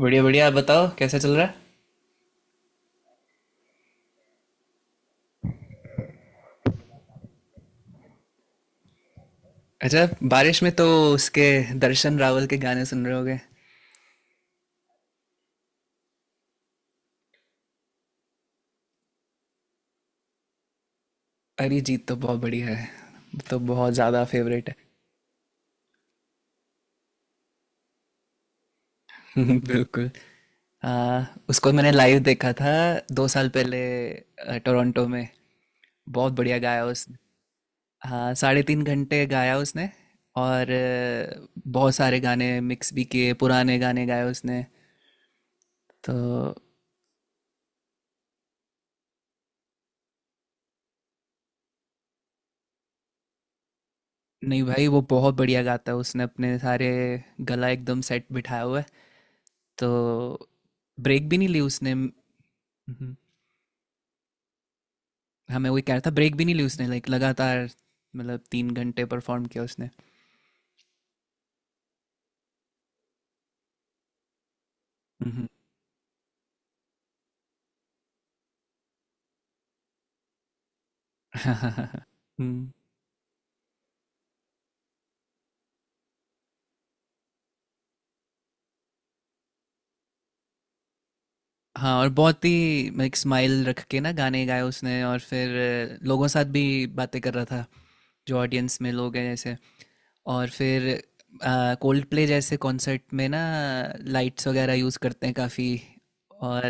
बढ़िया बढ़िया, आप बताओ कैसा चल रहा है। अच्छा, बारिश में तो उसके दर्शन रावल के गाने सुन रहे होगे। अरिजीत तो बहुत बढ़िया है। तो बहुत ज़्यादा फेवरेट है। बिल्कुल। आ, उसको मैंने लाइव देखा था 2 साल पहले टोरंटो में। बहुत बढ़िया गाया उसने। हाँ, साढ़े 3 घंटे गाया उसने। और बहुत सारे गाने मिक्स भी किए, पुराने गाने गाए उसने तो। नहीं भाई, वो बहुत बढ़िया गाता है। उसने अपने सारे गला एकदम सेट बिठाया हुआ है तो। ब्रेक भी नहीं ली उसने। हम्म, हाँ, मैं वही कह रहा था, ब्रेक भी नहीं ली उसने। लाइक लगातार मतलब 3 घंटे परफॉर्म किया उसने। हम्म। हम्म, हाँ। और बहुत ही लाइक स्माइल रख के ना गाने गाए उसने। और फिर लोगों के साथ भी बातें कर रहा था, जो ऑडियंस में लोग हैं जैसे। और फिर कोल्ड प्ले जैसे कॉन्सर्ट में ना लाइट्स वगैरह यूज़ करते हैं काफ़ी। और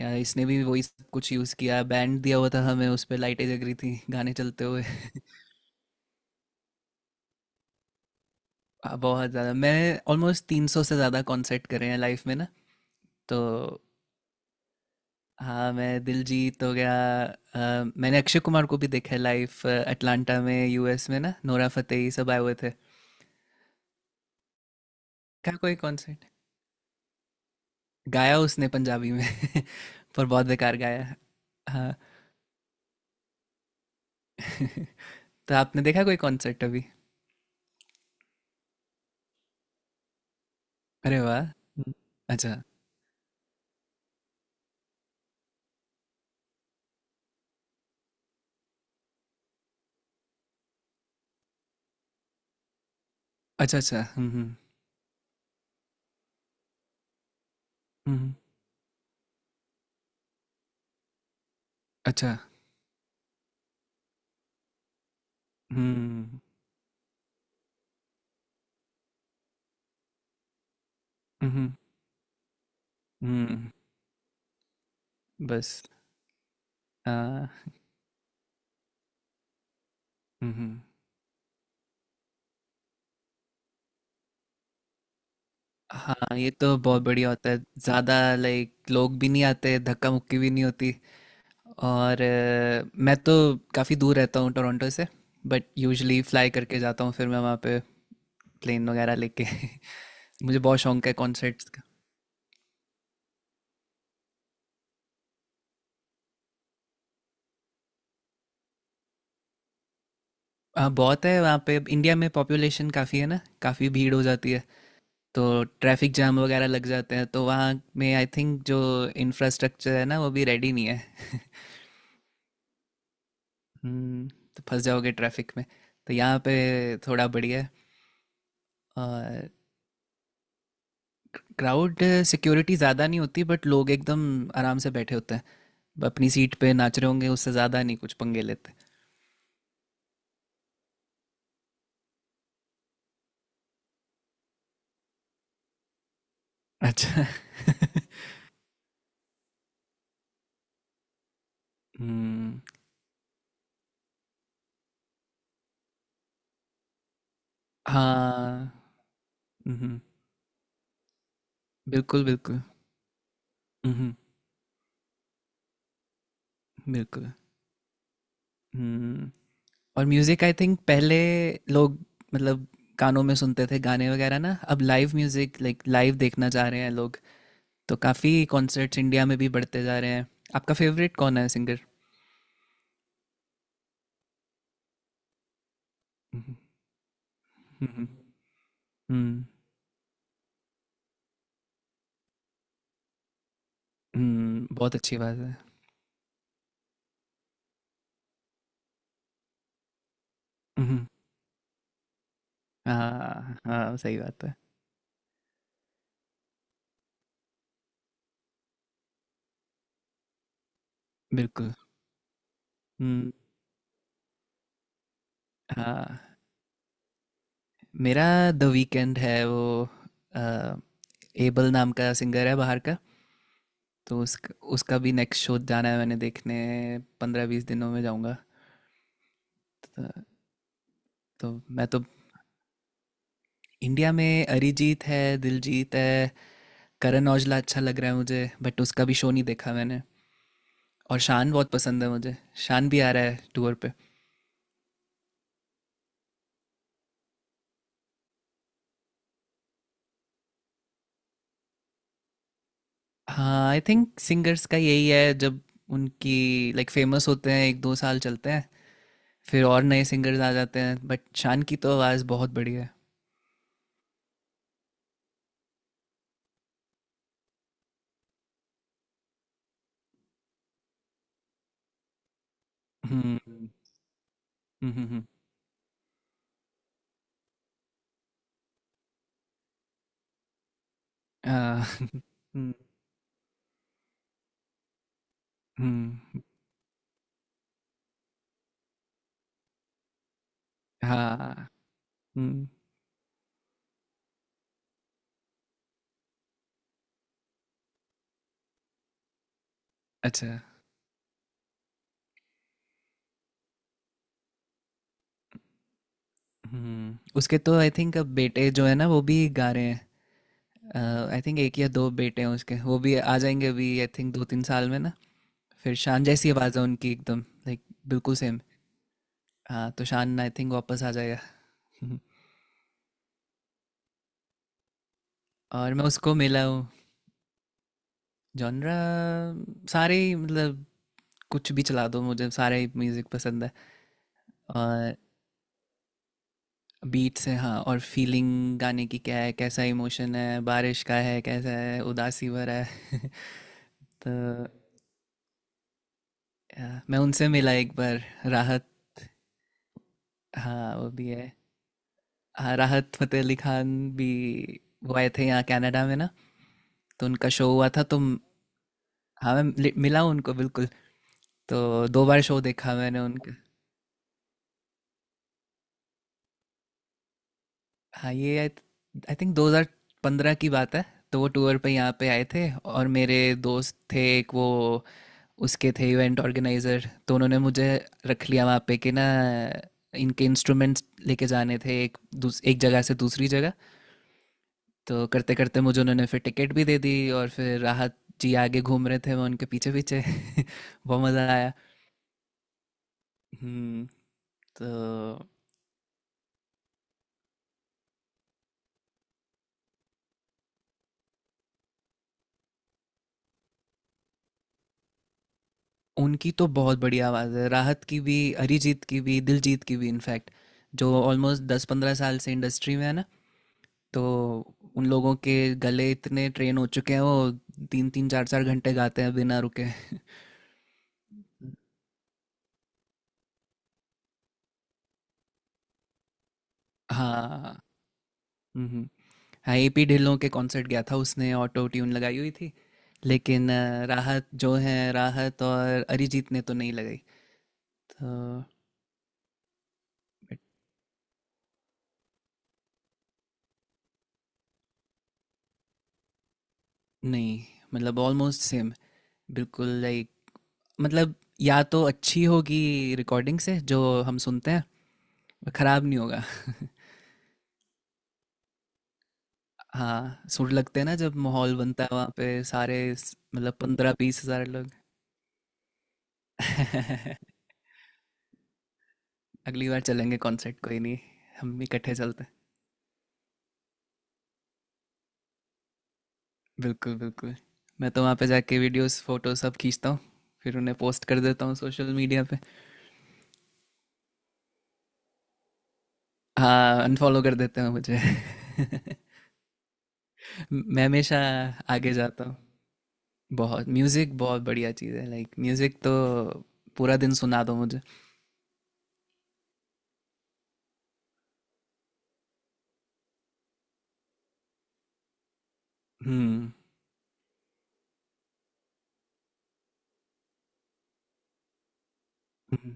यार इसने भी वही सब कुछ यूज़ किया, बैंड दिया हुआ था हमें, उस पे लाइटें जग रही थी, गाने चलते हुए। बहुत ज़्यादा, मैं ऑलमोस्ट 300 से ज़्यादा कॉन्सर्ट करे हैं लाइफ में ना, तो। हाँ मैं दिलजीत हो गया। मैंने अक्षय कुमार को भी देखा है लाइव, अटलांटा में, यूएस में ना, नोरा फतेही सब आए हुए थे। क्या कोई कॉन्सर्ट गाया उसने पंजाबी में। पर बहुत बेकार गाया। हाँ। तो आपने देखा कोई कॉन्सर्ट अभी। अरे वाह। अच्छा। अच्छा अच्छा। हम्म। अच्छा। हुँ। उहुँ, हुँ। बस अ, उहुँ। हाँ, ये तो बहुत बढ़िया होता है। ज़्यादा लाइक लोग भी नहीं आते, धक्का-मुक्की भी नहीं होती। और मैं तो काफ़ी दूर रहता हूँ टोरंटो से, बट यूजुअली फ्लाई करके जाता हूँ, फिर मैं वहाँ पे प्लेन वगैरह लेके। मुझे बहुत शौक है कॉन्सर्ट्स का। हाँ, बहुत है वहाँ पे। इंडिया में पॉपुलेशन काफ़ी है ना, काफ़ी भीड़ हो जाती है। तो ट्रैफिक जाम वगैरह लग जाते हैं, तो वहाँ में आई थिंक जो इंफ्रास्ट्रक्चर है ना, वो भी रेडी नहीं है। हम्म, तो फंस जाओगे ट्रैफिक में। तो यहाँ पे थोड़ा बढ़िया है। और क्राउड सिक्योरिटी ज़्यादा नहीं होती, बट लोग एकदम आराम से बैठे होते हैं, अपनी सीट पे नाच रहे होंगे, उससे ज़्यादा नहीं कुछ पंगे लेते। अच्छा। हम्म। हाँ। हम्म। बिल्कुल बिल्कुल। हम्म। बिल्कुल। हम्म। और म्यूजिक आई थिंक पहले लोग मतलब कानों में सुनते थे गाने वगैरह ना, अब लाइव म्यूजिक लाइक लाइव देखना चाह रहे हैं लोग। तो काफी कॉन्सर्ट्स इंडिया में भी बढ़ते जा रहे हैं। आपका फेवरेट कौन है सिंगर। हम्म। हम्म, हम्म, बहुत अच्छी बात है। हम्म, हाँ हाँ सही बात है। बिल्कुल। हम्म, हाँ। मेरा द वीकेंड है, वो एबल नाम का सिंगर है बाहर का। तो उसका उसका भी नेक्स्ट शो जाना है मैंने देखने, 15-20 दिनों में जाऊंगा। तो, तो मैं तो, इंडिया में अरिजीत है, दिलजीत है। करण औजला अच्छा लग रहा है मुझे, बट उसका भी शो नहीं देखा मैंने। और शान बहुत पसंद है मुझे। शान भी आ रहा है टूर पे। हाँ आई थिंक सिंगर्स का यही है, जब उनकी लाइक फेमस होते हैं 1-2 साल चलते हैं, फिर और नए सिंगर्स आ जाते हैं। बट शान की तो आवाज़ बहुत बढ़िया है। हम्म हम्म हम्म हम्म, आ, हम्म हम्म, हाँ। हम्म। अच्छा। हम्म, उसके तो आई थिंक अब बेटे जो है ना, वो भी गा रहे हैं। आई थिंक एक या दो बेटे हैं उसके, वो भी आ जाएंगे अभी आई थिंक 2-3 साल में ना। फिर शान जैसी आवाज़ है उनकी एकदम लाइक बिल्कुल सेम। हाँ तो शान आई थिंक वापस आ जाएगा। और मैं उसको मिला हूँ। जॉनरा सारे ही, मतलब कुछ भी चला दो मुझे, सारे ही म्यूज़िक पसंद है। और बीट्स है हाँ, और फीलिंग गाने की क्या है, कैसा इमोशन है, बारिश का है, कैसा है उदासी भरा है। तो मैं उनसे मिला एक बार, राहत। हाँ वो भी है। हाँ, राहत फतेह अली खान भी, वो आए थे यहाँ कनाडा में ना, तो उनका शो हुआ था तो हाँ मैं मिला हूँ उनको बिल्कुल। तो दो बार शो देखा मैंने उनका। हाँ ये आई थिंक 2015 की बात है। तो वो टूर पे यहाँ पे आए थे, और मेरे दोस्त थे एक, वो उसके थे इवेंट ऑर्गेनाइजर, तो उन्होंने मुझे रख लिया वहाँ पे कि ना, इनके इंस्ट्रूमेंट्स लेके जाने थे एक जगह से दूसरी जगह। तो करते करते मुझे उन्होंने फिर टिकट भी दे दी, और फिर राहत जी आगे घूम रहे थे, मैं उनके पीछे पीछे। बहुत मज़ा आया। हम्म। तो उनकी तो बहुत बढ़िया आवाज़ है, राहत की भी, अरिजीत की भी, दिलजीत की भी। इनफैक्ट जो ऑलमोस्ट 10-15 साल से इंडस्ट्री में है ना, तो उन लोगों के गले इतने ट्रेन हो चुके हैं, वो तीन तीन चार चार घंटे गाते हैं बिना रुके। हाँ। हाँ एपी ढिल्लों के कॉन्सर्ट गया था, उसने ऑटो ट्यून लगाई हुई थी। लेकिन राहत जो है, राहत और अरिजीत ने तो नहीं लगाई तो। but नहीं, मतलब ऑलमोस्ट सेम, बिल्कुल लाइक, मतलब या तो अच्छी होगी रिकॉर्डिंग से, जो हम सुनते हैं खराब नहीं होगा। हाँ, सुर लगते हैं ना जब माहौल बनता है वहाँ पे सारे, मतलब 15-20 हजार लोग। अगली बार चलेंगे कॉन्सर्ट, कोई नहीं, हम इकट्ठे चलते हैं, बिल्कुल बिल्कुल। मैं तो वहाँ पे जाके वीडियोस फोटो सब खींचता हूँ, फिर उन्हें पोस्ट कर देता हूँ सोशल मीडिया पे। हाँ अनफॉलो कर देते हैं मुझे। मैं हमेशा आगे जाता हूँ। बहुत म्यूज़िक बहुत बढ़िया चीज़ है लाइक, म्यूज़िक तो पूरा दिन सुना दो मुझे। हम्म हम्म,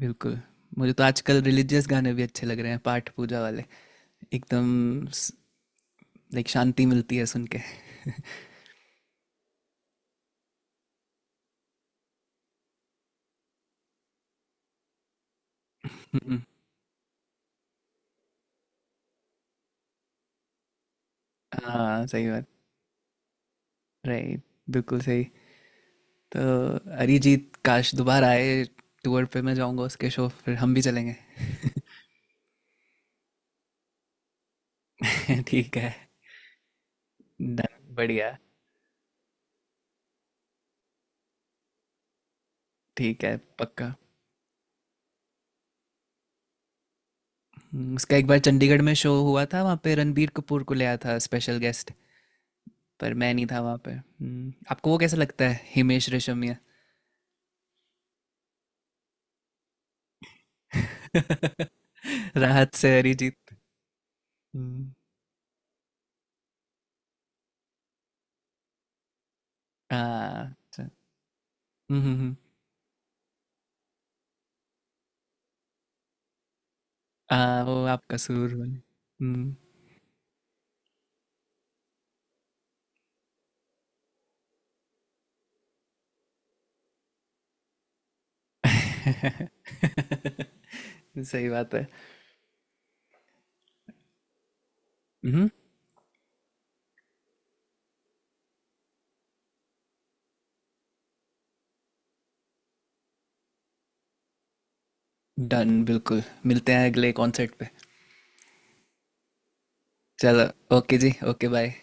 बिल्कुल। मुझे तो आजकल रिलीजियस गाने भी अच्छे लग रहे हैं, पाठ पूजा वाले, एकदम लाइक शांति मिलती है सुन के। हम्म, हाँ सही बात। राइट। बिल्कुल सही। तो अरिजीत काश दोबारा आए टूर पे, मैं जाऊंगा उसके शो, फिर हम भी चलेंगे। ठीक है। डन बढ़िया। ठीक है पक्का। उसका एक बार चंडीगढ़ में शो हुआ था, वहाँ पे रणबीर कपूर को ले आया था स्पेशल गेस्ट। पर मैं नहीं था वहाँ पे। आपको वो कैसा लगता है हिमेश रेशमिया। राहत से अरिजीत। हम्म, हाँ अच्छा। हम्म हम्म, हम्म, हाँ वो आपका सुर बने। हम्म, सही बात है। हम्म। डन बिल्कुल, मिलते हैं अगले कॉन्सर्ट पे। चलो। ओके जी, ओके बाय।